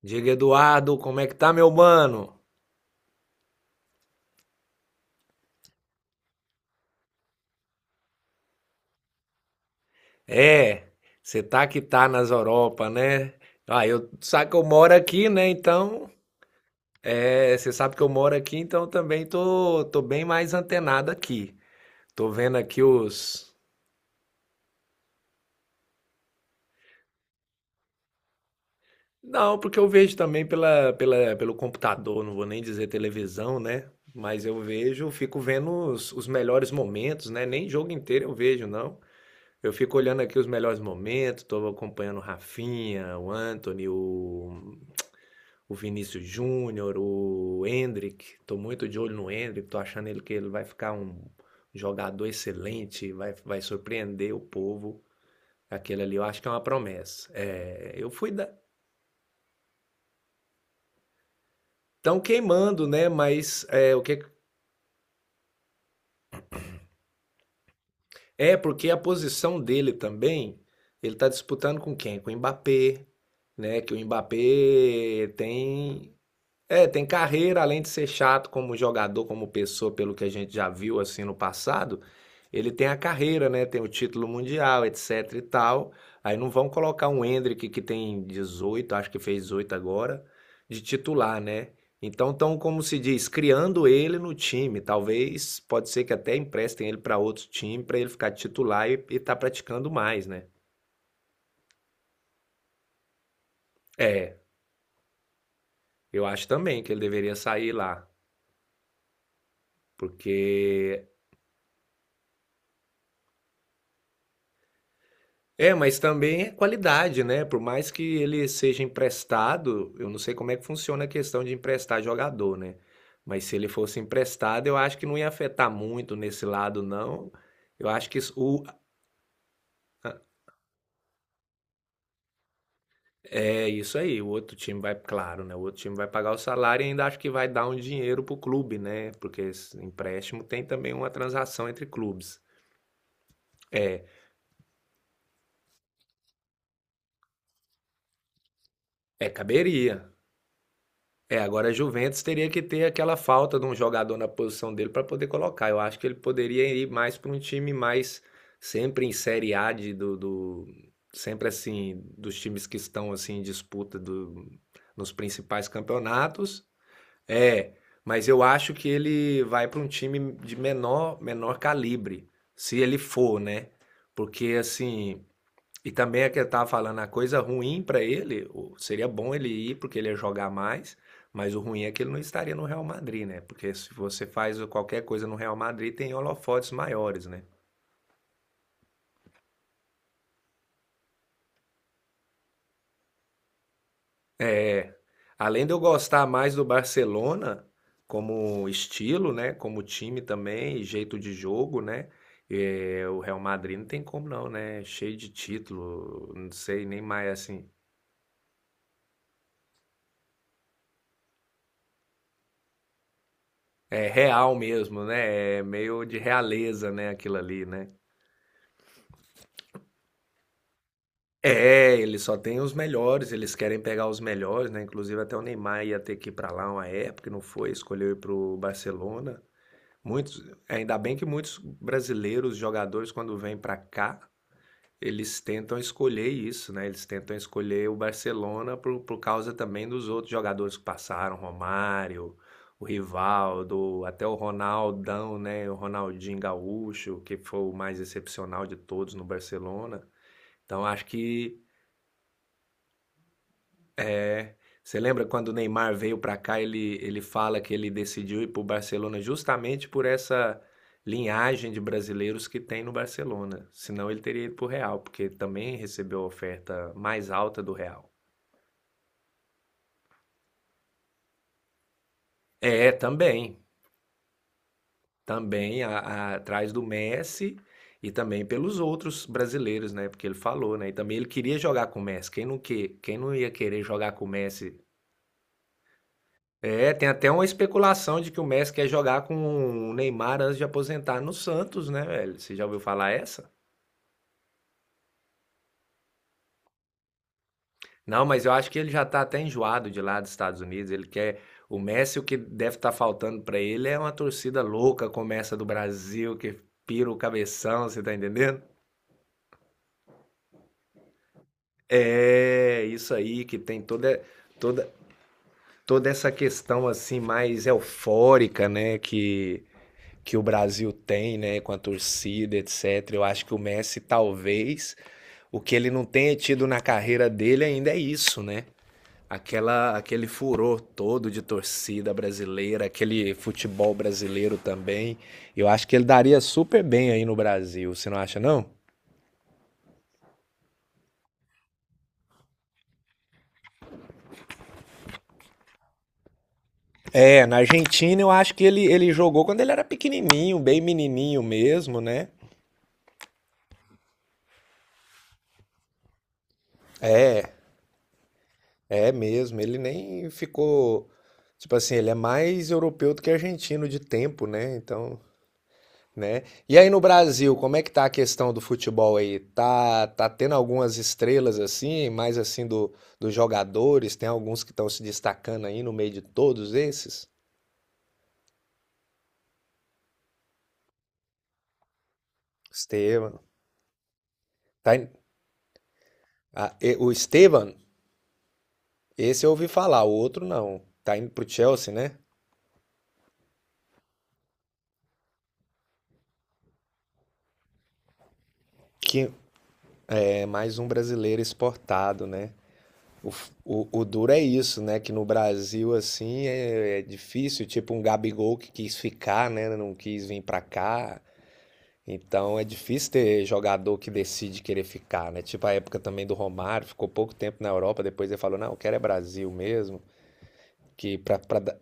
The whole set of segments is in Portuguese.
Diga, Eduardo, como é que tá, meu mano? É, você tá que tá nas Europa, né? Ah, eu sabe que eu moro aqui, né? Então, é, você sabe que eu moro aqui, então também tô, bem mais antenado aqui. Tô vendo aqui os. Não, porque eu vejo também pelo computador, não vou nem dizer televisão, né? Mas eu vejo, fico vendo os melhores momentos, né? Nem jogo inteiro eu vejo, não. Eu fico olhando aqui os melhores momentos, estou acompanhando o Rafinha, o Anthony, o Vinícius Júnior, o Endrick. Estou muito de olho no Endrick. Estou achando ele que ele vai ficar um jogador excelente, vai surpreender o povo. Aquele ali eu acho que é uma promessa. É, eu fui da... tão queimando, né? Mas é, o que é porque a posição dele também, ele está disputando com quem? Com o Mbappé, né? Que o Mbappé tem. É, tem carreira, além de ser chato como jogador, como pessoa, pelo que a gente já viu assim no passado, ele tem a carreira, né? Tem o título mundial, etc e tal. Aí não vão colocar um Endrick que tem 18, acho que fez 18 agora, de titular, né? Então estão, como se diz, criando ele no time. Talvez, pode ser que até emprestem ele para outro time para ele ficar titular e estar praticando mais, né? É, eu acho também que ele deveria sair lá, porque é, mas também é qualidade, né? Por mais que ele seja emprestado, eu não sei como é que funciona a questão de emprestar jogador, né? Mas se ele fosse emprestado, eu acho que não ia afetar muito nesse lado, não. Eu acho que isso, o- é isso aí. O outro time vai, claro, né? O outro time vai pagar o salário e ainda acho que vai dar um dinheiro pro clube, né? Porque esse empréstimo tem também uma transação entre clubes. É, caberia. É, agora a Juventus teria que ter aquela falta de um jogador na posição dele para poder colocar. Eu acho que ele poderia ir mais para um time mais sempre em Série A sempre assim dos times que estão assim em disputa do, nos principais campeonatos. É, mas eu acho que ele vai para um time de menor calibre, se ele for, né? Porque assim, e também é que eu tava falando, a coisa ruim para ele, o- seria bom ele ir porque ele ia jogar mais, mas o ruim é que ele não estaria no Real Madrid, né? Porque se você faz qualquer coisa no Real Madrid, tem holofotes maiores, né? É, além de eu gostar mais do Barcelona como estilo, né? Como time também, e jeito de jogo, né? É, o Real Madrid não tem como não, né? Cheio de título, não sei nem mais assim. É real mesmo, né? É meio de realeza, né? Aquilo ali, né? É, eles só têm os melhores, eles querem pegar os melhores, né? Inclusive até o Neymar ia ter que ir para lá uma época, e não foi, escolheu ir para o Barcelona. Muitos, ainda bem que muitos brasileiros jogadores quando vêm para cá, eles tentam escolher isso, né? Eles tentam escolher o Barcelona por causa também dos outros jogadores que passaram, Romário, o Rivaldo, até o Ronaldão, né? O Ronaldinho Gaúcho, que foi o mais excepcional de todos no Barcelona. Então acho que você lembra quando o Neymar veio para cá, ele fala que ele decidiu ir para o Barcelona justamente por essa linhagem de brasileiros que tem no Barcelona. Senão ele teria ido para o Real, porque também recebeu a oferta mais alta do Real. É, também. Também atrás do Messi e também pelos outros brasileiros, né? Porque ele falou, né? E também ele queria jogar com o Messi. Quem não ia querer jogar com o Messi? É, tem até uma especulação de que o Messi quer jogar com o Neymar antes de aposentar no Santos, né, velho? Você já ouviu falar essa? Não, mas eu acho que ele já tá até enjoado de lá dos Estados Unidos. Ele quer. O Messi, o que deve estar faltando pra ele é uma torcida louca, como essa do Brasil, que pira o cabeção, você tá entendendo? É, isso aí, que tem toda, toda, toda essa questão assim mais eufórica, né? Que o Brasil tem, né, com a torcida, etc. Eu acho que o Messi talvez o que ele não tenha tido na carreira dele ainda é isso, né? Aquele furor todo de torcida brasileira, aquele futebol brasileiro também. Eu acho que ele daria super bem aí no Brasil, você não acha, não? É, na Argentina eu acho que ele jogou quando ele era pequenininho, bem menininho mesmo, né? É, É mesmo, ele nem ficou. Tipo assim, ele é mais europeu do que argentino de tempo, né? Então, né? E aí no Brasil, como é que tá a questão do futebol aí? Tá tendo algumas estrelas assim, mais assim dos jogadores? Tem alguns que estão se destacando aí no meio de todos esses? Esteban. Tá in- o Esteban, esse eu ouvi falar, o outro não. Tá indo pro Chelsea, né? Que é mais um brasileiro exportado, né? O duro é isso, né? Que no Brasil, assim, é difícil. Tipo um Gabigol que quis ficar, né? Não quis vir pra cá. Então é difícil ter jogador que decide querer ficar, né? Tipo a época também do Romário, ficou pouco tempo na Europa, depois ele falou, não, eu quero é Brasil mesmo. Que pra, pra... da-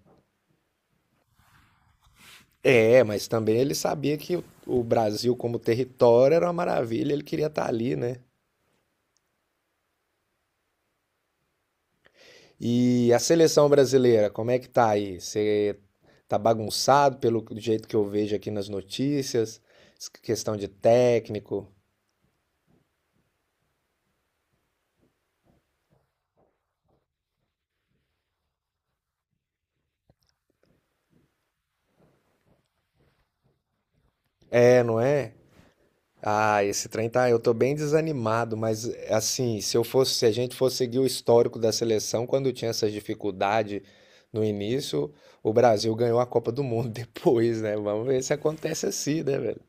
é, mas também ele sabia que o Brasil como território era uma maravilha, ele queria estar ali, né? E a seleção brasileira, como é que tá aí? Você tá bagunçado pelo jeito que eu vejo aqui nas notícias? Questão de técnico. É, não é? Ah, esse trem tá. Eu tô bem desanimado, mas assim, se eu fosse, se a gente fosse seguir o histórico da seleção, quando tinha essas dificuldades no início, o Brasil ganhou a Copa do Mundo depois, né? Vamos ver se acontece assim, né, velho?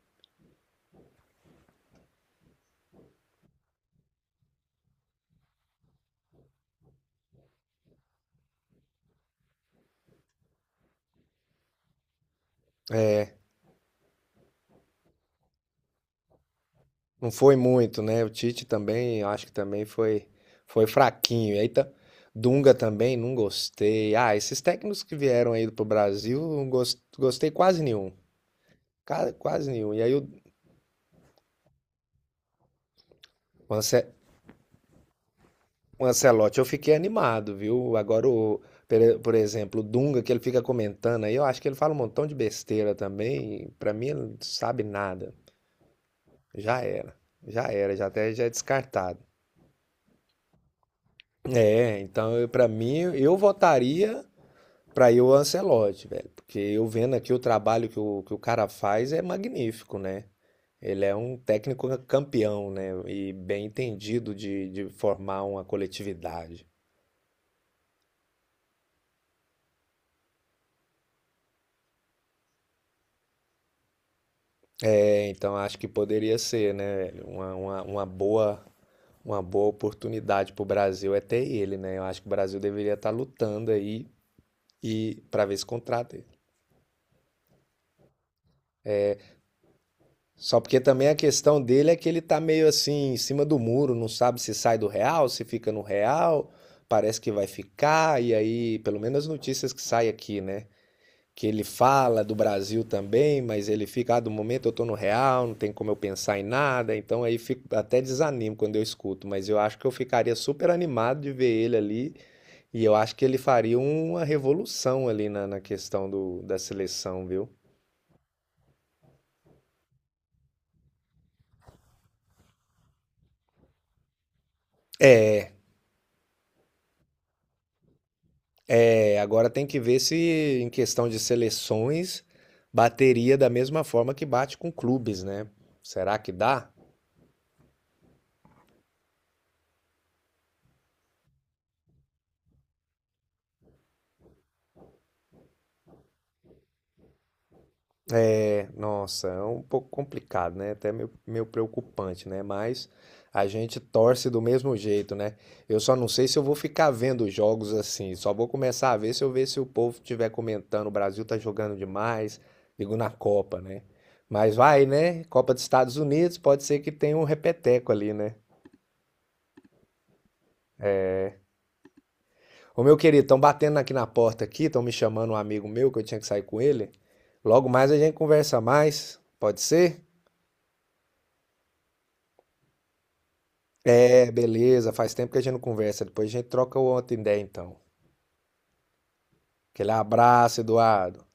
Não foi muito, né? O Tite também, eu acho que também foi fraquinho. E aí, tá- Dunga também, não gostei. Ah, esses técnicos que vieram aí pro Brasil, não gostei quase nenhum. Ca- quase nenhum. E aí, o Ance- o Ancelotti, eu fiquei animado, viu? Agora, por exemplo, o Dunga, que ele fica comentando aí, eu acho que ele fala um montão de besteira também. E pra mim, ele não sabe nada. Já era. Já era, já até já é descartado. É, então, eu- pra mim, eu votaria. Pra eu, o Ancelotti, velho. Porque eu vendo aqui o trabalho que o cara faz é magnífico, né? Ele é um técnico campeão, né? E bem entendido de formar uma coletividade. É, então acho que poderia ser, né, velho? Uma boa oportunidade pro Brasil é ter ele, né? Eu acho que o Brasil deveria estar lutando aí e para ver se contrata. Só porque também a questão dele é que ele tá meio assim, em cima do muro, não sabe se sai do Real, se fica no Real, parece que vai ficar, e aí, pelo menos as notícias que saem aqui, né? Que ele fala do Brasil também, mas ele fica, ah, do momento eu tô no Real, não tem como eu pensar em nada, então aí fico até desanimo quando eu escuto, mas eu acho que eu ficaria super animado de ver ele ali, e eu acho que ele faria uma revolução ali na questão da seleção, viu? É, agora tem que ver se, em questão de seleções, bateria da mesma forma que bate com clubes, né? Será que dá? É, nossa, é um pouco complicado, né? Até meio preocupante, né? Mas a gente torce do mesmo jeito, né? Eu só não sei se eu vou ficar vendo jogos assim. Só vou começar a ver se eu ver se o povo estiver comentando. O Brasil tá jogando demais, digo na Copa, né? Mas vai, né? Copa dos Estados Unidos, pode ser que tenha um repeteco ali, né? Ô, meu querido, estão batendo aqui na porta aqui, estão me chamando um amigo meu que eu tinha que sair com ele. Logo mais a gente conversa mais, pode ser? É, beleza, faz tempo que a gente não conversa, depois a gente troca outra ideia então. Aquele abraço, Eduardo.